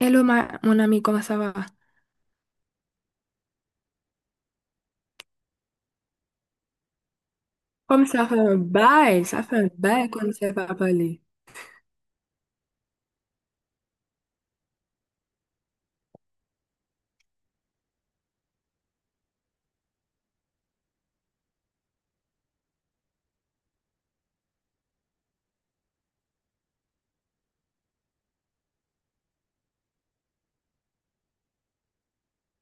Hello, mon ami, comment ça va? Comme ça fait un bail, ça fait un bail qu'on ne s'est pas parlé.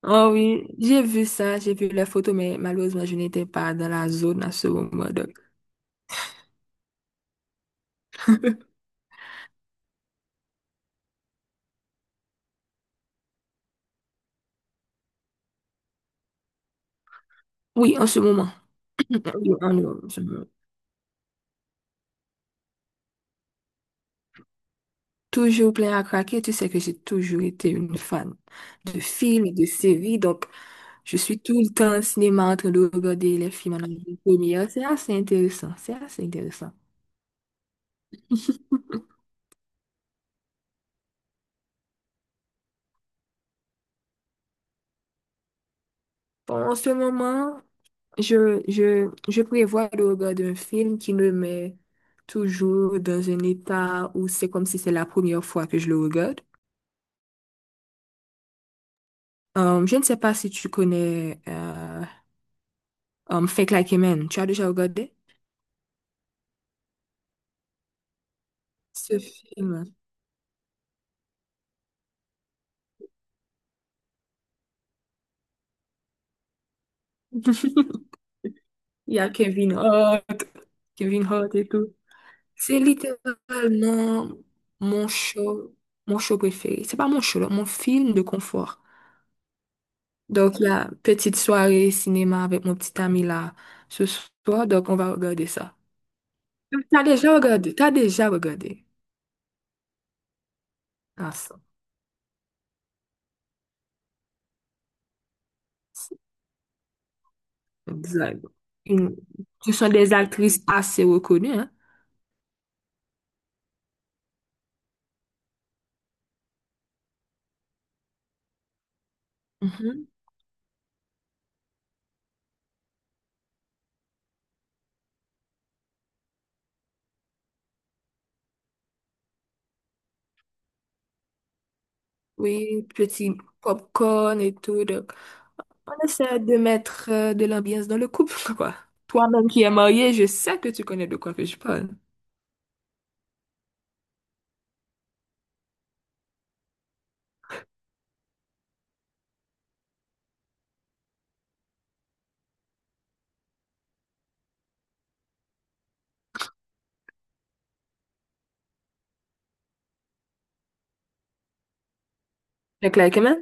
Oh oui, j'ai vu ça, j'ai vu les photos, mais malheureusement, je n'étais pas dans la zone à ce moment, oui, en ce moment. Oui, en ce moment. Toujours plein à craquer, tu sais que j'ai toujours été une fan de films et de séries, donc je suis tout le temps au cinéma en train de regarder les films en avant-première. C'est assez intéressant, c'est assez intéressant. Bon, en ce moment, je prévois le regard d'un film qui me met toujours dans un état où c'est comme si c'est la première fois que je le regarde. Je ne sais pas si tu connais Fake Like a Man. Tu as déjà regardé ce film? Il y a Kevin Hart, Kevin Hart et tout. C'est littéralement mon show, mon show préféré. C'est pas mon show, là, mon film de confort. Donc, la petite soirée cinéma avec mon petit ami là ce soir. Donc, on va regarder ça. T'as déjà regardé? T'as déjà regardé? Ah, ça, c'est exact. Une- Ce sont des actrices assez reconnues, hein? Mhm. Oui, petit popcorn et tout. Donc, on essaie de mettre de l'ambiance dans le couple, quoi. Toi-même qui es marié, je sais que tu connais de quoi que je parle. C'est clair quand même.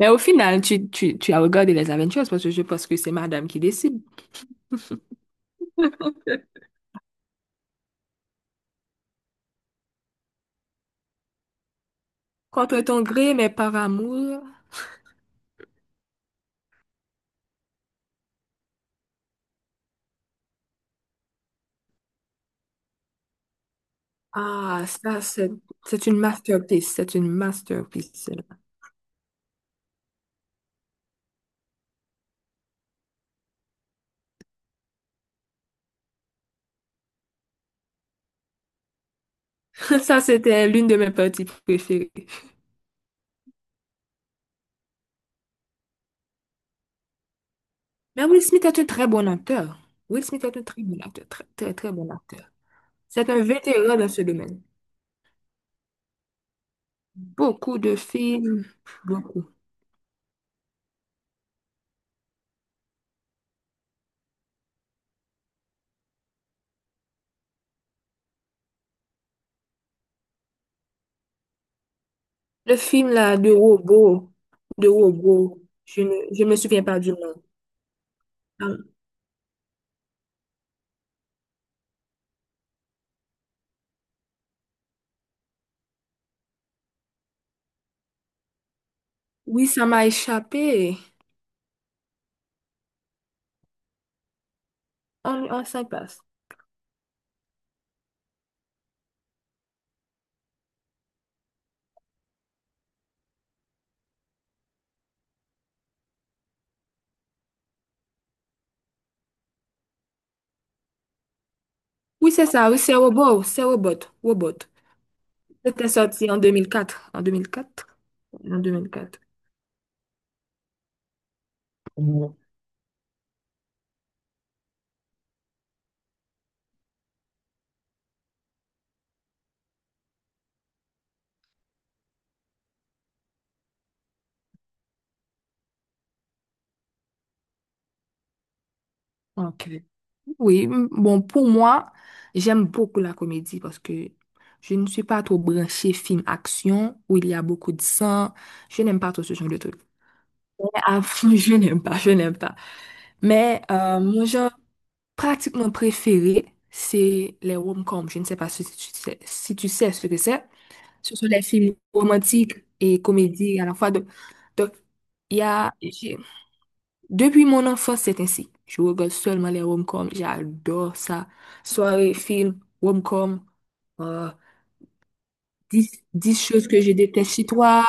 Mais au final, tu as regardé les Avengers parce que je pense que c'est madame qui décide. Contre ton gré, mais par amour. Ah, ça, c'est une masterpiece. C'est une masterpiece. Ça, c'était l'une de mes parties préférées. Mais Will Smith est un très bon acteur. Will Smith est un très bon acteur. Très, très, très bon acteur. C'est un vétéran dans ce domaine. Beaucoup de films. Beaucoup. Le film, là, de robot. De robot. Je me souviens pas du nom. Ah, oui, ça m'a échappé. On s'en passe. Oui, c'est ça. Oui, c'est robot. C'est robot. Robot. C'était sorti en 2004. En 2004. En deux mille quatre. Ouais. Ok. Oui, bon, pour moi, j'aime beaucoup la comédie parce que je ne suis pas trop branchée film action où il y a beaucoup de sang. Je n'aime pas trop ce genre de truc. Mais avant, je n'aime pas, je n'aime pas. Mais mon genre pratiquement préféré, c'est les rom-coms. Je ne sais pas si tu sais, si tu sais ce que c'est. Ce sont les films romantiques et comédies à la fois. Donc, il y a, depuis mon enfance, c'est ainsi. Je regarde seulement les rom-coms. J'adore ça. Soirée, film, rom-com. Euh, dix 10 choses que je déteste chez toi.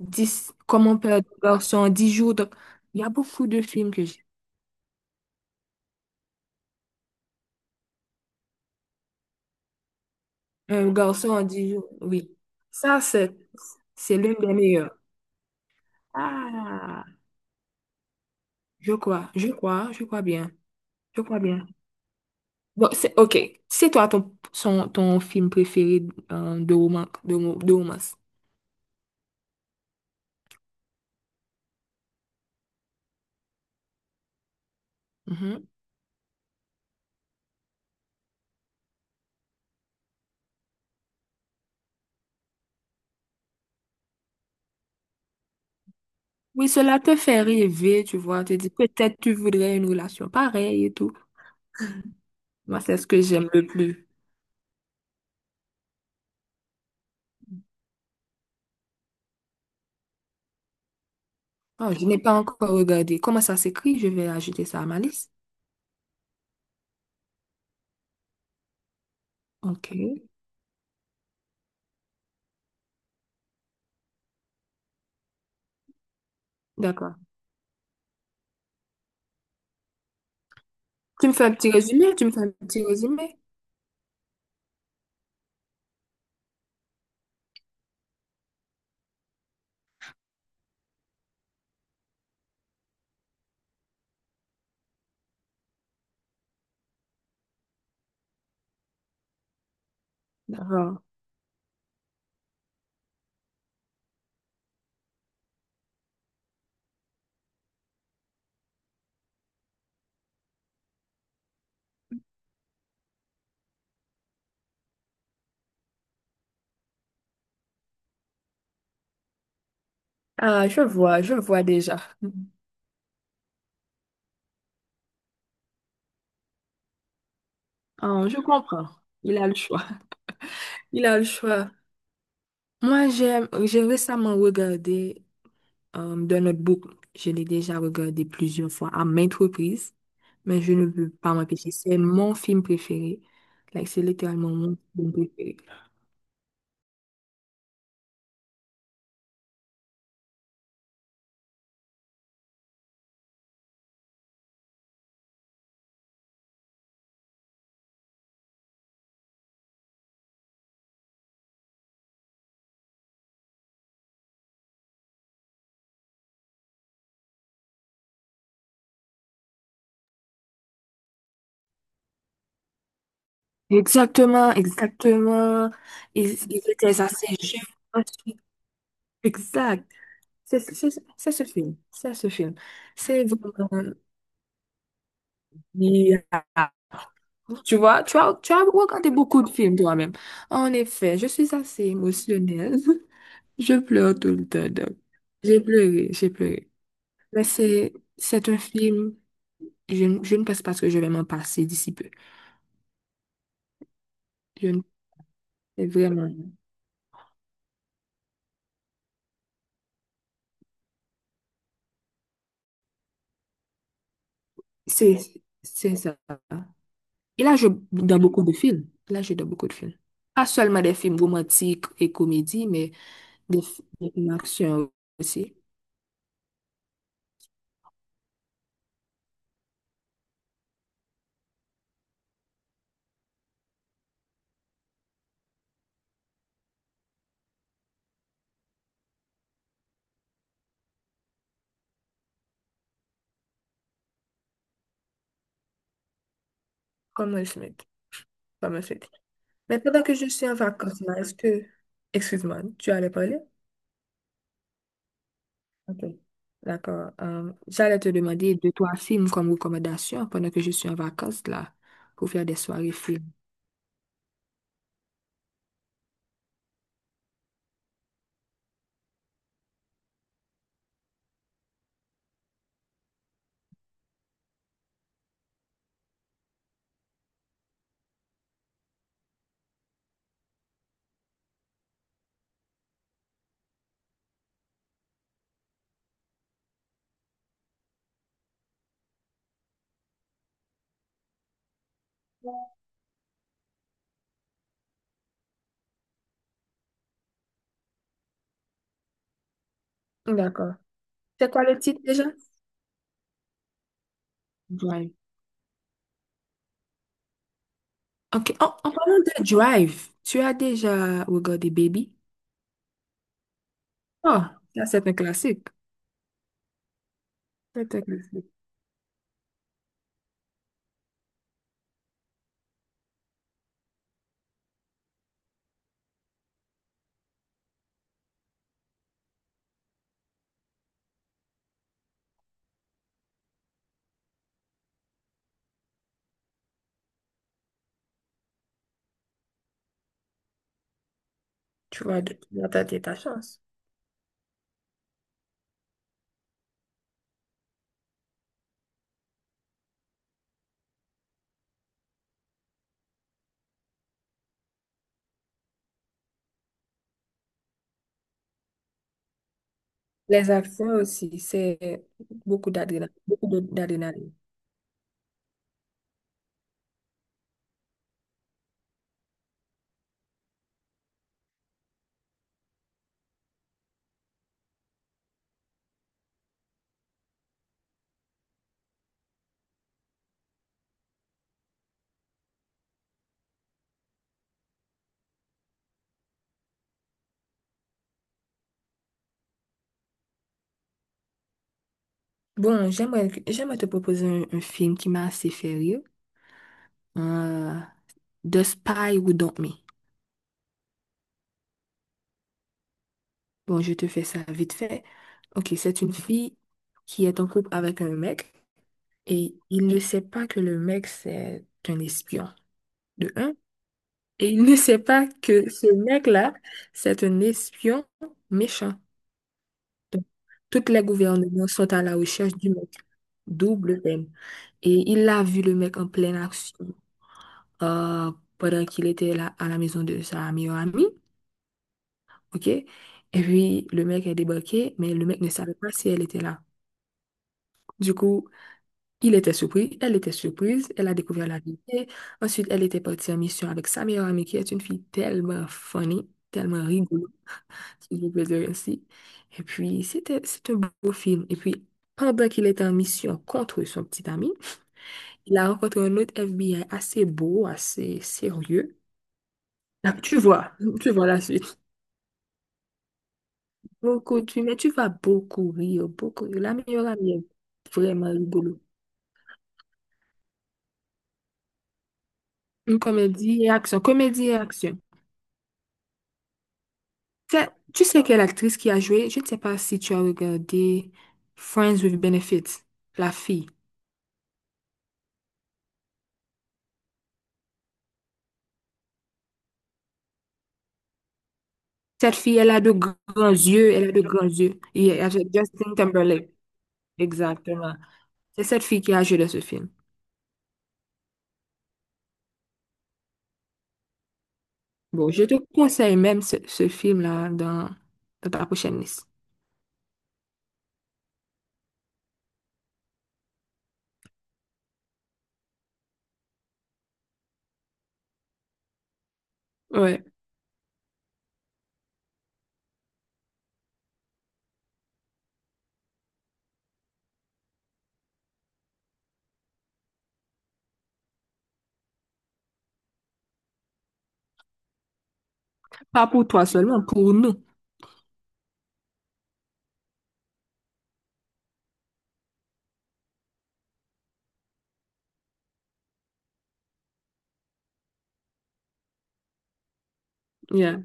Dix Comment perdre un garçon en 10 jours. Donc, il y a beaucoup de films que j'ai. Un garçon en 10 jours, oui. Ça, c'est l'un des meilleurs. Ah, je crois, je crois bien. Je crois bien. Bon, c'est ok. C'est toi ton, son- ton film préféré de romance, de romance. Mhm. Oui, cela te fait rêver, tu vois. Te dis peut-être tu voudrais une relation pareille et tout. Moi, c'est ce que j'aime le plus. Oh, je n'ai pas encore regardé. Comment ça s'écrit? Je vais ajouter ça à ma liste. Ok, d'accord. Tu me fais un petit résumé? Tu me fais un petit résumé? D'accord. Ah, je vois déjà. Mhm. Ah, je comprends. Il a le choix. Il a le choix. Moi, j'aime, j'ai récemment regardé The Notebook, je l'ai déjà regardé plusieurs fois à maintes reprises, mais je ne peux pas m'empêcher. C'est mon film préféré. Like, c'est littéralement mon film préféré. Exactement, exactement. Ils étaient assez jeunes ensuite. Exact. C'est ce film. C'est ce film. C'est vraiment... Yeah. Tu vois, tu as regardé beaucoup de films toi-même. En effet, je suis assez émotionnelle. Je pleure tout le temps, donc. J'ai pleuré, j'ai pleuré. Mais c'est un film, je ne pense pas que je vais m'en passer d'ici peu. Je ne, c'est vraiment, c'est, c'est ça. et là je Là, je dans beaucoup de films. Pas seulement des films romantiques et comédies, mais des films d'action aussi. Comme Will Smith. Comme Will Smith. Mais pendant que je suis en vacances, là, est-ce que... Excuse-moi, tu allais parler? Ok, d'accord. J'allais te demander deux, trois films comme recommandation pendant que je suis en vacances là, pour faire des soirées films. D'accord. C'est quoi le titre déjà? Drive. Ok, en, en parlant de Drive, tu as déjà regardé Baby? Oh, ça c'est un classique. C'est un classique. Tu vas tenter ta chance. Les actions aussi, c'est beaucoup d'adrénaline. Beaucoup d'adrénaline. Bon, j'aimerais, j'aimerais te proposer un film qui m'a assez fait rire. Euh, The Spy Who Dumped Me. Bon, je te fais ça vite fait. Ok, c'est une fille qui est en couple avec un mec et il ne sait pas que le mec, c'est un espion, de un. Et il ne sait pas que ce mec-là, c'est un espion méchant. Donc, toutes les gouvernements sont à la recherche du mec. Double peine. Et il a vu le mec en pleine action euh, pendant qu'il était là à la maison de sa meilleure amie. OK? Et puis, le mec est débarqué, mais le mec ne savait pas si elle était là. Du coup, il était surpris, elle était surprise, elle a découvert la vérité. Ensuite, elle était partie en mission avec sa meilleure amie, qui est une fille tellement funny, tellement rigolo, si je peux dire ainsi. Et puis, c'était, c'est un beau film. Et puis, pendant qu'il était en mission contre son petit ami, il a rencontré un autre FBI assez beau, assez sérieux. Là, tu vois, tu vois la suite. Beaucoup, tu, mais tu vas beaucoup rire, beaucoup rire. La meilleure amie est vraiment rigolo. Une comédie et action, comédie et action. Tu sais tu sais quelle actrice qui a joué? Je ne sais pas si tu as regardé Friends with Benefits, la fille. Cette fille, elle a de grands yeux, elle a de grands yeux. Et avec Justin Timberlake, exactement. C'est cette fille qui a joué dans ce film. Bon, je te conseille même ce film-là dans, dans ta prochaine liste. Ouais. Pas pour toi seulement, pour nous. Yeah.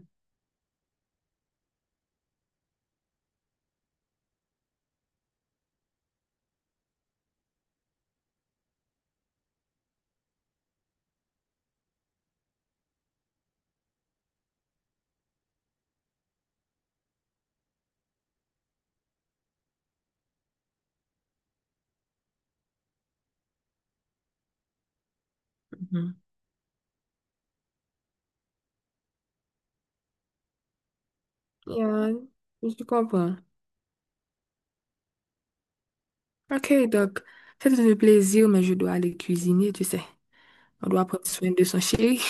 Mhm. Yeah, je comprends. Ok, donc, c'était un plaisir, mais je dois aller cuisiner, tu sais. On doit prendre soin de son chéri.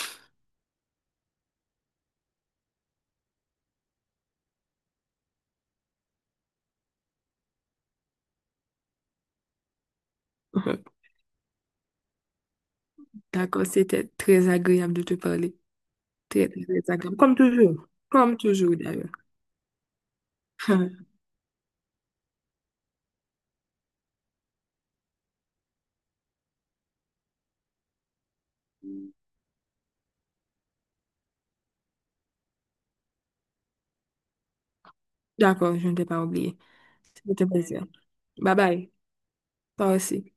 D'accord, c'était très agréable de te parler. Très, très, très agréable. Comme toujours. Comme toujours, d'ailleurs. D'accord, je ne t'ai pas oublié. C'était un plaisir. Bye bye. Toi aussi.